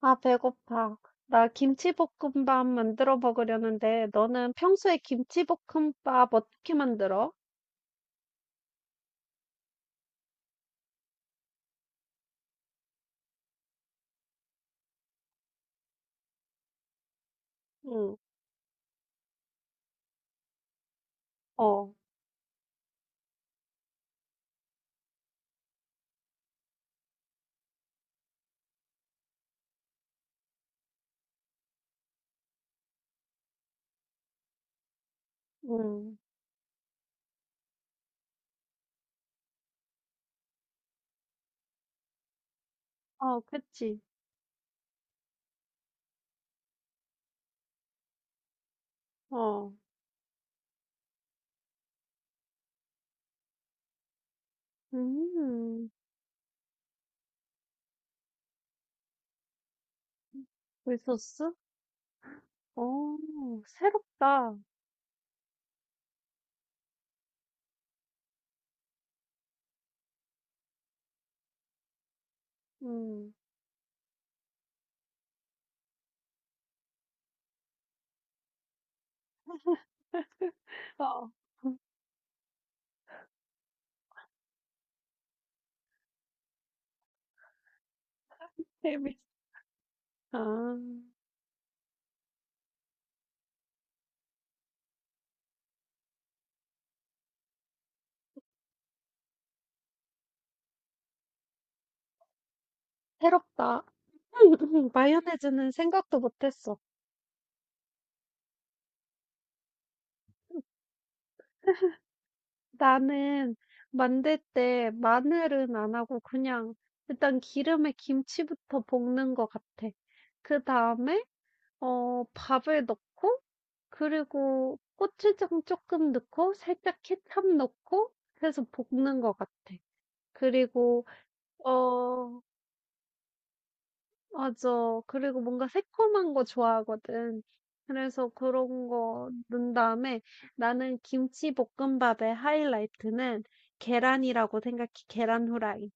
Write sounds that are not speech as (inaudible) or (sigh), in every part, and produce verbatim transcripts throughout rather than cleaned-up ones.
아, 배고파. 나 김치볶음밥 만들어 먹으려는데, 너는 평소에 김치볶음밥 어떻게 만들어? 응. 어. 응. 어, 그치. 어. 음. 굴소스? 어. 새롭다. 음. 어. (laughs) 재밌어. 아. 새롭다. (laughs) 마요네즈는 생각도 못했어. 나는 만들 때 마늘은 안 하고 그냥 일단 기름에 김치부터 볶는 것 같아. 그 다음에 어 밥을 넣고 그리고 고추장 조금 넣고 살짝 케첩 넣고 해서 볶는 것 같아. 그리고 어 맞아. 그리고 뭔가 새콤한 거 좋아하거든. 그래서 그런 거 넣은 다음에 나는 김치볶음밥의 하이라이트는 계란이라고 생각해. 계란 후라이.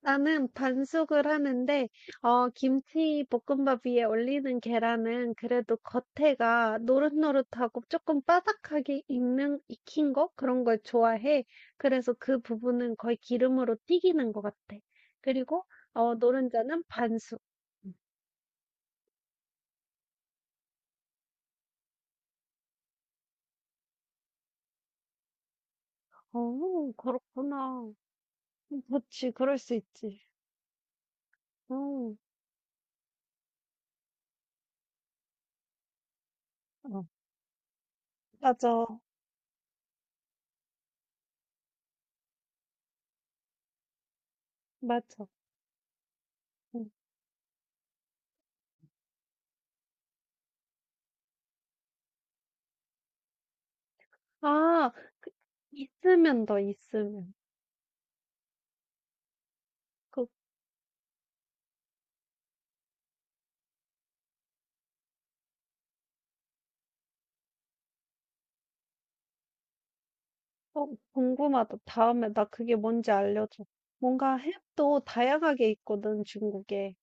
나는 반숙을 하는데, 어, 김치볶음밥 위에 올리는 계란은 그래도 겉에가 노릇노릇하고 조금 바삭하게 익는, 익힌 거? 그런 걸 좋아해. 그래서 그 부분은 거의 기름으로 튀기는 것 같아. 그리고, 어, 노른자는 반숙. 어 그렇구나. 음그지 그럴 수 있지. 어. 어. 맞아. 맞아. 응. 아 있으면 더 있으면. 그 어 궁금하다. 다음에 나 그게 뭔지 알려줘. 뭔가 햄도 다양하게 있거든 중국에.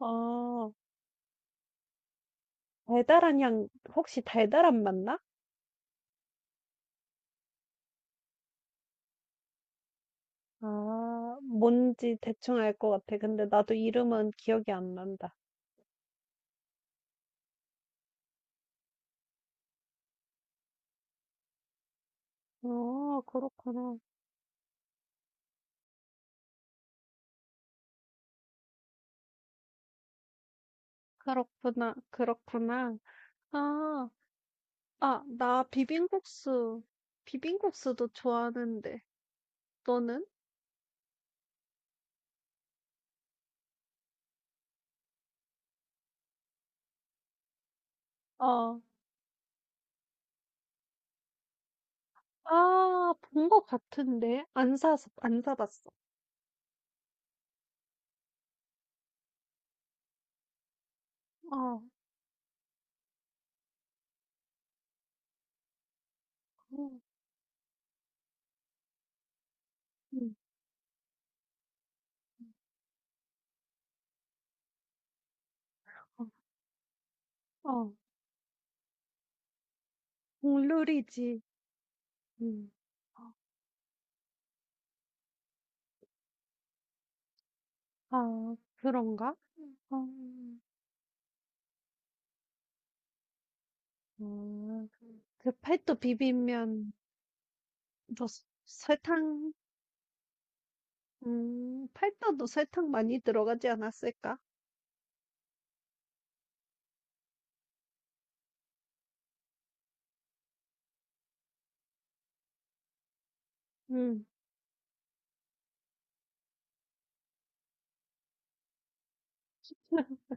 아 달달한 향 혹시 달달한 맛나? 아 뭔지 대충 알 것 같아. 근데 나도 이름은 기억이 안 난다. 어 그렇구나. 그렇구나, 그렇구나. 아. 아, 나 비빔국수, 비빔국수도 좋아하는데, 너는? 어. 아, 본 것 같은데? 안 사서, 안 사봤어. 어. 음. 음. 어. 어. 국룰이지. 음. 아, 그런가? 어. 음. 그 팔도 비빔면, 너 설탕, 음, 팔도도 설탕 많이 들어가지 않았을까? 음.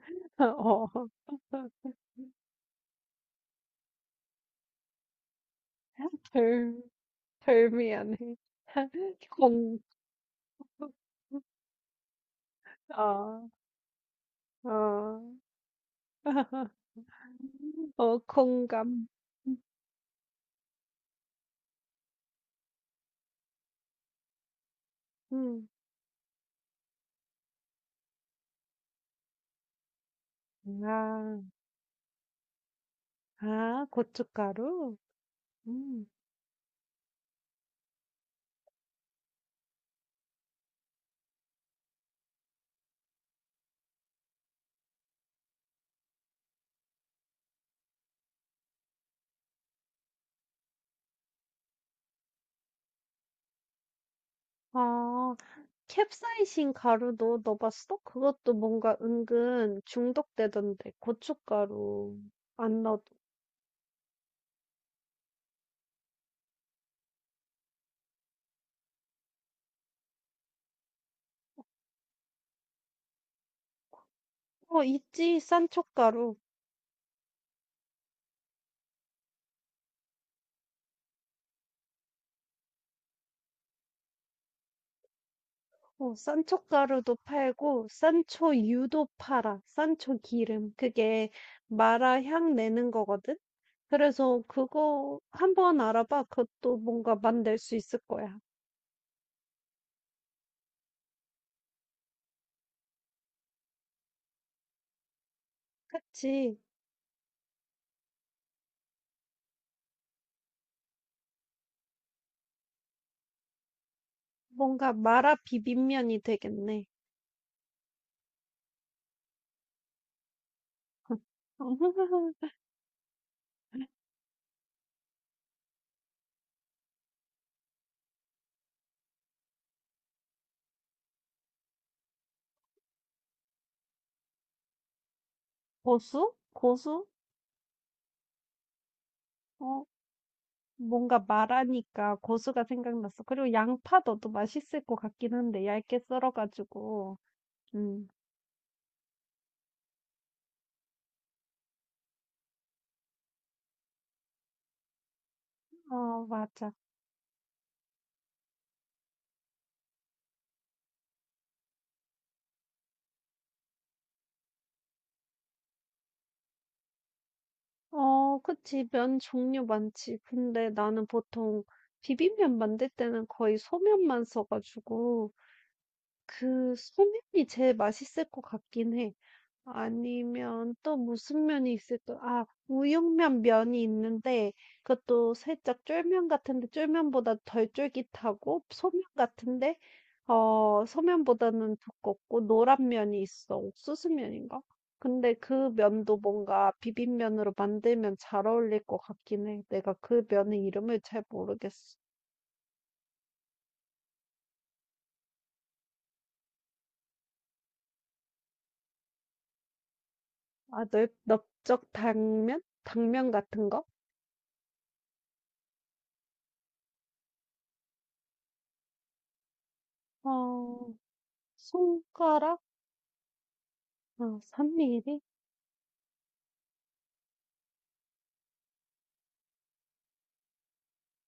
(laughs) 어. (laughs) 덜. 별미하네. (laughs) 공, 아. 어. (laughs) 어, 공감. 음. 아. 아, 고춧가루? 음. 아, 캡사이신 가루도 넣어봤어? 그것도 뭔가 은근 중독되던데, 고춧가루 안 넣어도. 어, 있지, 산초가루. 어, 산초가루도 팔고, 산초유도 팔아, 산초기름. 그게 마라 향 내는 거거든? 그래서 그거 한번 알아봐. 그것도 뭔가 만들 수 있을 거야. 그치? 뭔가 마라 비빔면이 되겠네. (laughs) 고수? 고수? 어, 뭔가 마라니까 고수가 생각났어. 그리고 양파 넣어도 맛있을 것 같긴 한데, 얇게 썰어가지고. 음. 어, 맞아. 어, 그치. 면 종류 많지. 근데 나는 보통 비빔면 만들 때는 거의 소면만 써가지고, 그 소면이 제일 맛있을 것 같긴 해. 아니면 또 무슨 면이 있을까? 아, 우육면 면이 있는데 그것도 살짝 쫄면 같은데 쫄면보다 덜 쫄깃하고 소면 같은데 어, 소면보다는 두껍고 노란 면이 있어. 옥수수 면인가? 근데 그 면도 뭔가 비빔면으로 만들면 잘 어울릴 것 같긴 해. 내가 그 면의 이름을 잘 모르겠어. 아, 넓, 넓적 당면? 당면 같은 거? 어, 손가락? 아 삼 밀리?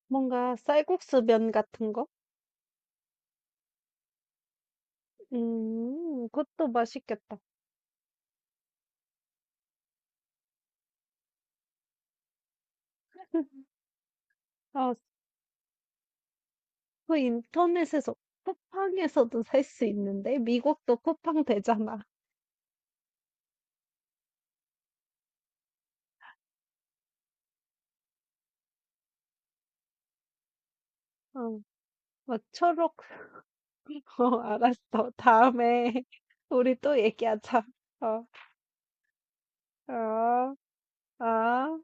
뭔가 쌀국수 면 같은 거? 음 그것도 맛있겠다. 아 그 인터넷에서 쿠팡에서도 살 수 있는데 미국도 쿠팡 되잖아. 어 막 초록 (laughs) 어 알았어. 다음에 (laughs) 우리 또 얘기하자. 어. 어. 어.